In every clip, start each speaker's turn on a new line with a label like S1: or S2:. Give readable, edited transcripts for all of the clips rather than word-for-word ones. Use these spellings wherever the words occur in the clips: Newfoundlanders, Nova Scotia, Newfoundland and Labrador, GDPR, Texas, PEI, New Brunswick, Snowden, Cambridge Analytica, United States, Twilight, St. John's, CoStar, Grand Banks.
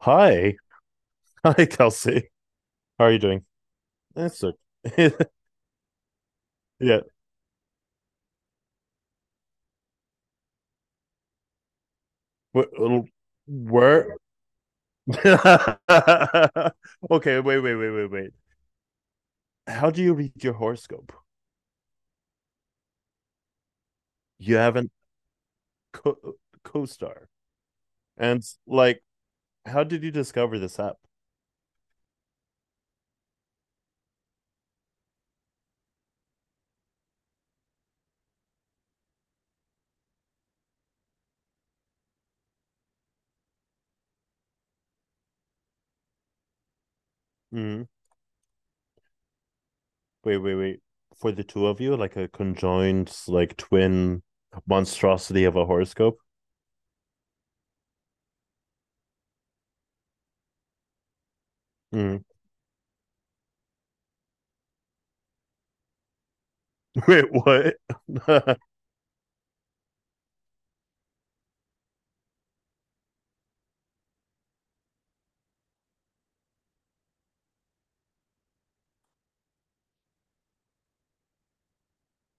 S1: Hi. Hi, Kelsey. How are you doing? That's okay. yeah. Wh- Where? okay, wait. How do you read your horoscope? You haven't co- co-star. And like, how did you discover this app? Hmm Wait. For the two of you, like a conjoined, like twin monstrosity of a horoscope? Mm. Wait, what?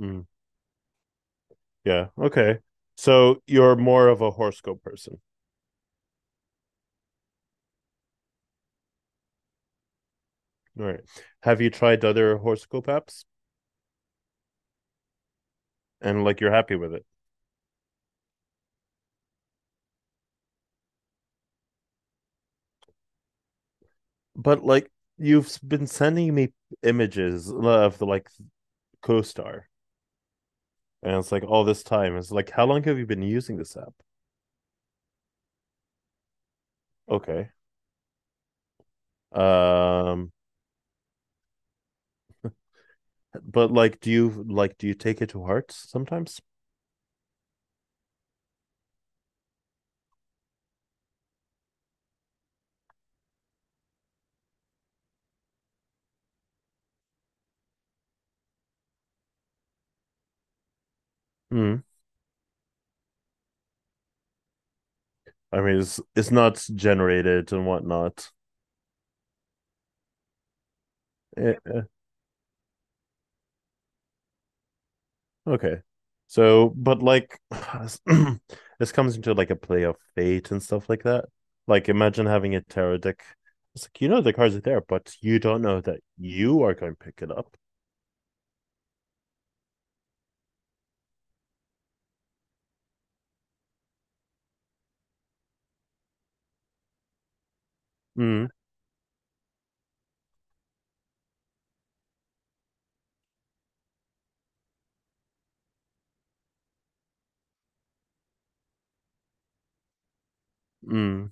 S1: Mm, yeah, okay. So you're more of a horoscope person. All right. Have you tried other horoscope apps and like you're happy with it? But like you've been sending me images of the like CoStar, and it's like all this time. It's like how long have you been using this app? Okay. Um, but like, do you take it to heart sometimes? Hmm. I mean, it's not generated and whatnot. Eh, eh. Okay. So, but like, this comes into like a play of fate and stuff like that. Like, imagine having a tarot deck. It's like, you know, the cards are there, but you don't know that you are going to pick it up. Mm, mm.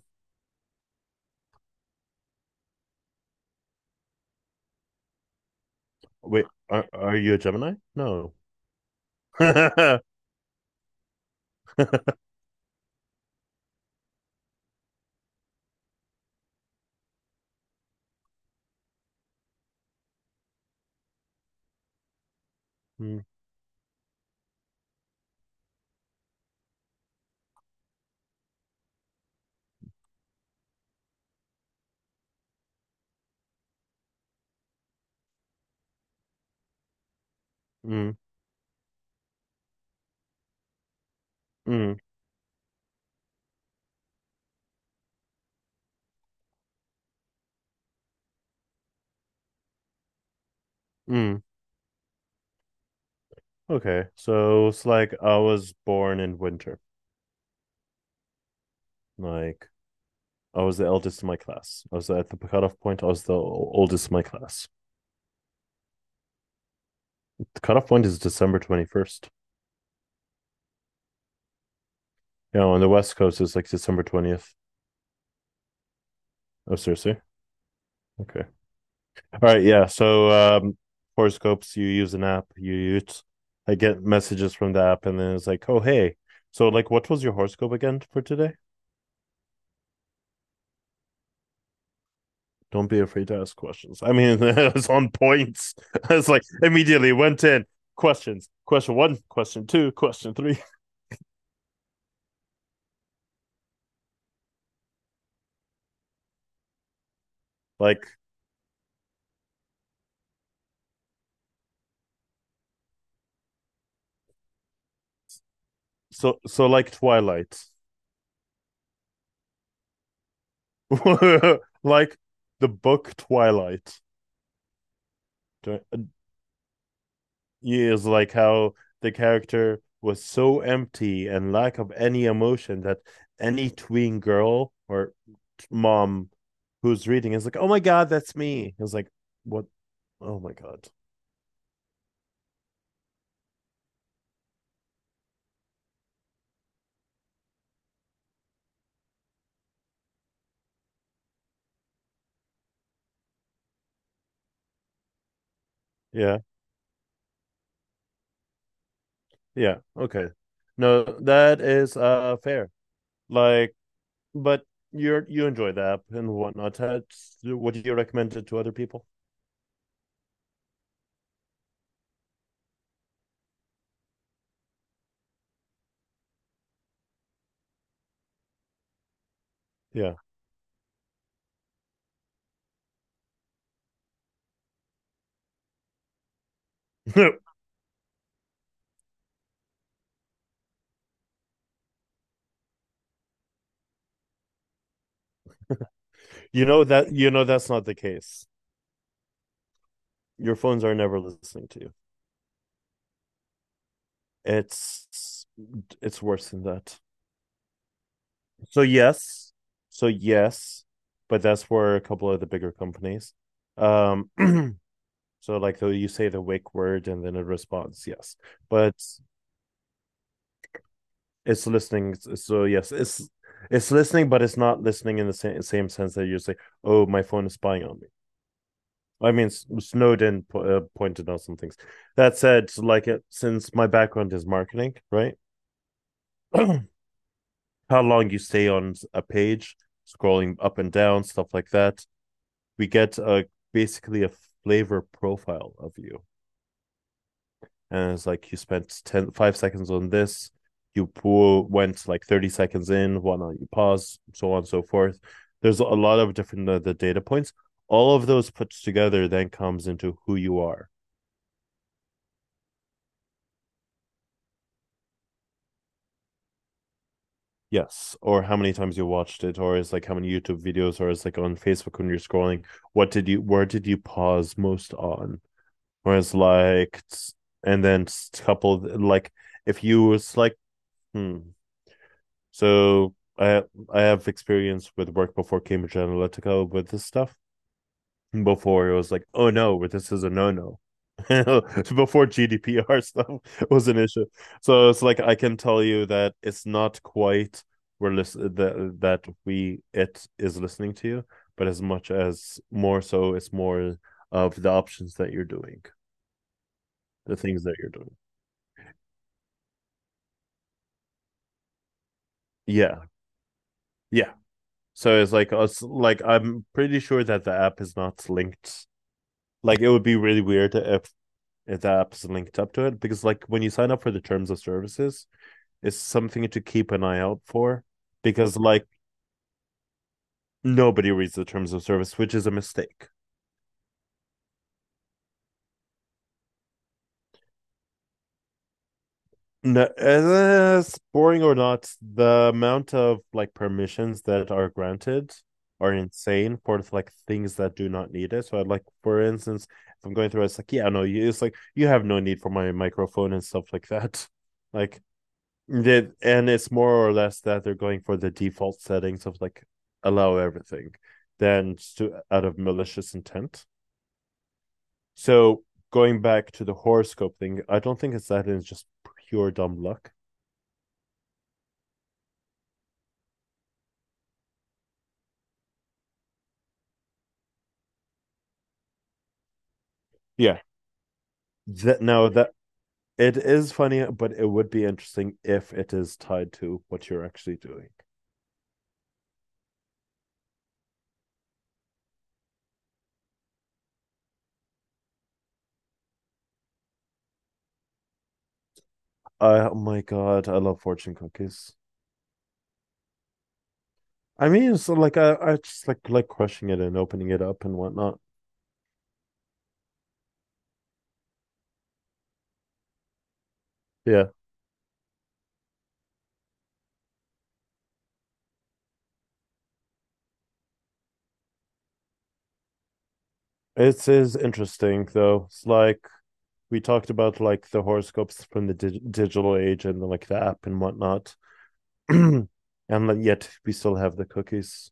S1: Wait, are you a Gemini? No. mm, mm, mm, mm. Okay. So it's like I was born in winter. Like, I was the eldest in my class. I was at the cutoff point. I was the oldest in my class. The cutoff point is December 21st. Yeah, on the West Coast it's like December 20th. Oh, seriously? Okay. All right. Yeah. So horoscopes. You use an app. You use. I get messages from the app, and then it's like, oh hey. So like, what was your horoscope again for today? Don't be afraid to ask questions. I mean, it's on points. it's like immediately went in questions. Question one, question two, question three. Like so like Twilight, like the book Twilight. Years, like how the character was so empty and lack of any emotion that any tween girl or mom who's reading is like, oh my god, that's me. It's like, what? Oh my god. Yeah, yeah, okay. No, that is fair. Like, but you enjoy the app and whatnot. That's- Would you recommend it to other people? Yeah. you know that that's not the case. Your phones are never listening to you. It's it's worse than that. So yes, so yes, but that's where a couple of the bigger companies. Um, so like though you say the wake word and then it responds yes, but it's listening. So yes, it's listening, but it's not listening in the same sense that you say, "Oh, my phone is spying on me." I mean, Snowden pointed out some things. That said, like it, since my background is marketing, right? how long you stay on a page, scrolling up and down, stuff like that. We get a basically a flavor profile of you, and it's like you spent 10 5 seconds on this. You pull, went like 30 seconds in, whatnot. You pause, so on and so forth. There's a lot of different the data points. All of those put together then comes into who you are. Yes, or how many times you watched it, or it's like how many YouTube videos, or it's like on Facebook when you're scrolling, where did you pause most on? Whereas like, and then coupled like if you was like, hmm. So I have experience with work before Cambridge Analytica with this stuff. Before it was like, oh no, this is a no no. before GDPR stuff was an issue. So it's like I can tell you that it's not quite we're listen that that we it is listening to you, but as much as more so, it's more of the options that you're doing, the things that you're doing. Yeah. Yeah, so it's like us like I'm pretty sure that the app is not linked. Like it would be really weird if the app is linked up to it because like when you sign up for the terms of services, it's something to keep an eye out for because like nobody reads the terms of service, which is a mistake. No, as boring or not, the amount of like permissions that are granted are insane for like things that do not need it. So I'd like, for instance, if I'm going through, it's like, yeah, no, you, it's like you have no need for my microphone and stuff like that. Like, they, and it's more or less that they're going for the default settings of like allow everything, than to out of malicious intent. So going back to the horoscope thing, I don't think it's that. It's just pure dumb luck. Yeah, that no, that it is funny, but it would be interesting if it is tied to what you're actually doing. Oh my god, I love fortune cookies. I mean, so like I just like crushing it and opening it up and whatnot. Yeah, it is interesting though. It's like we talked about like the horoscopes from the digital age and like the app and whatnot, and like, yet we still have the cookies.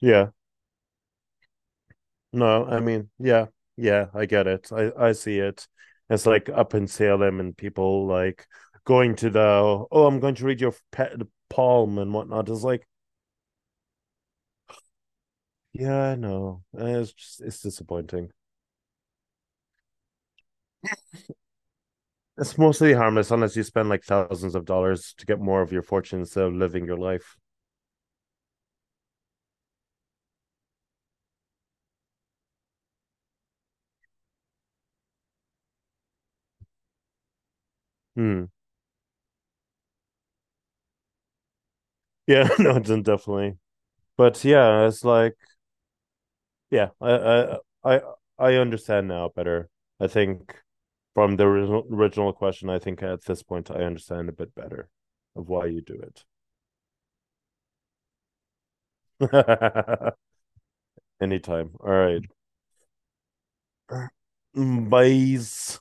S1: Yeah, no, I mean, yeah, yeah, I get it. I see it. It's like up in Salem and people like going to the oh, I'm going to read your pet palm and whatnot. It's like, yeah, I know. It's just, it's disappointing. It's mostly harmless unless you spend like thousands of dollars to get more of your fortune instead of living your life. Hmm. Yeah, no, definitely. But yeah, it's like yeah, I I, I understand now better. I think from the original question, I think at this point I understand a bit better of why you do it. Anytime. All right. Bye.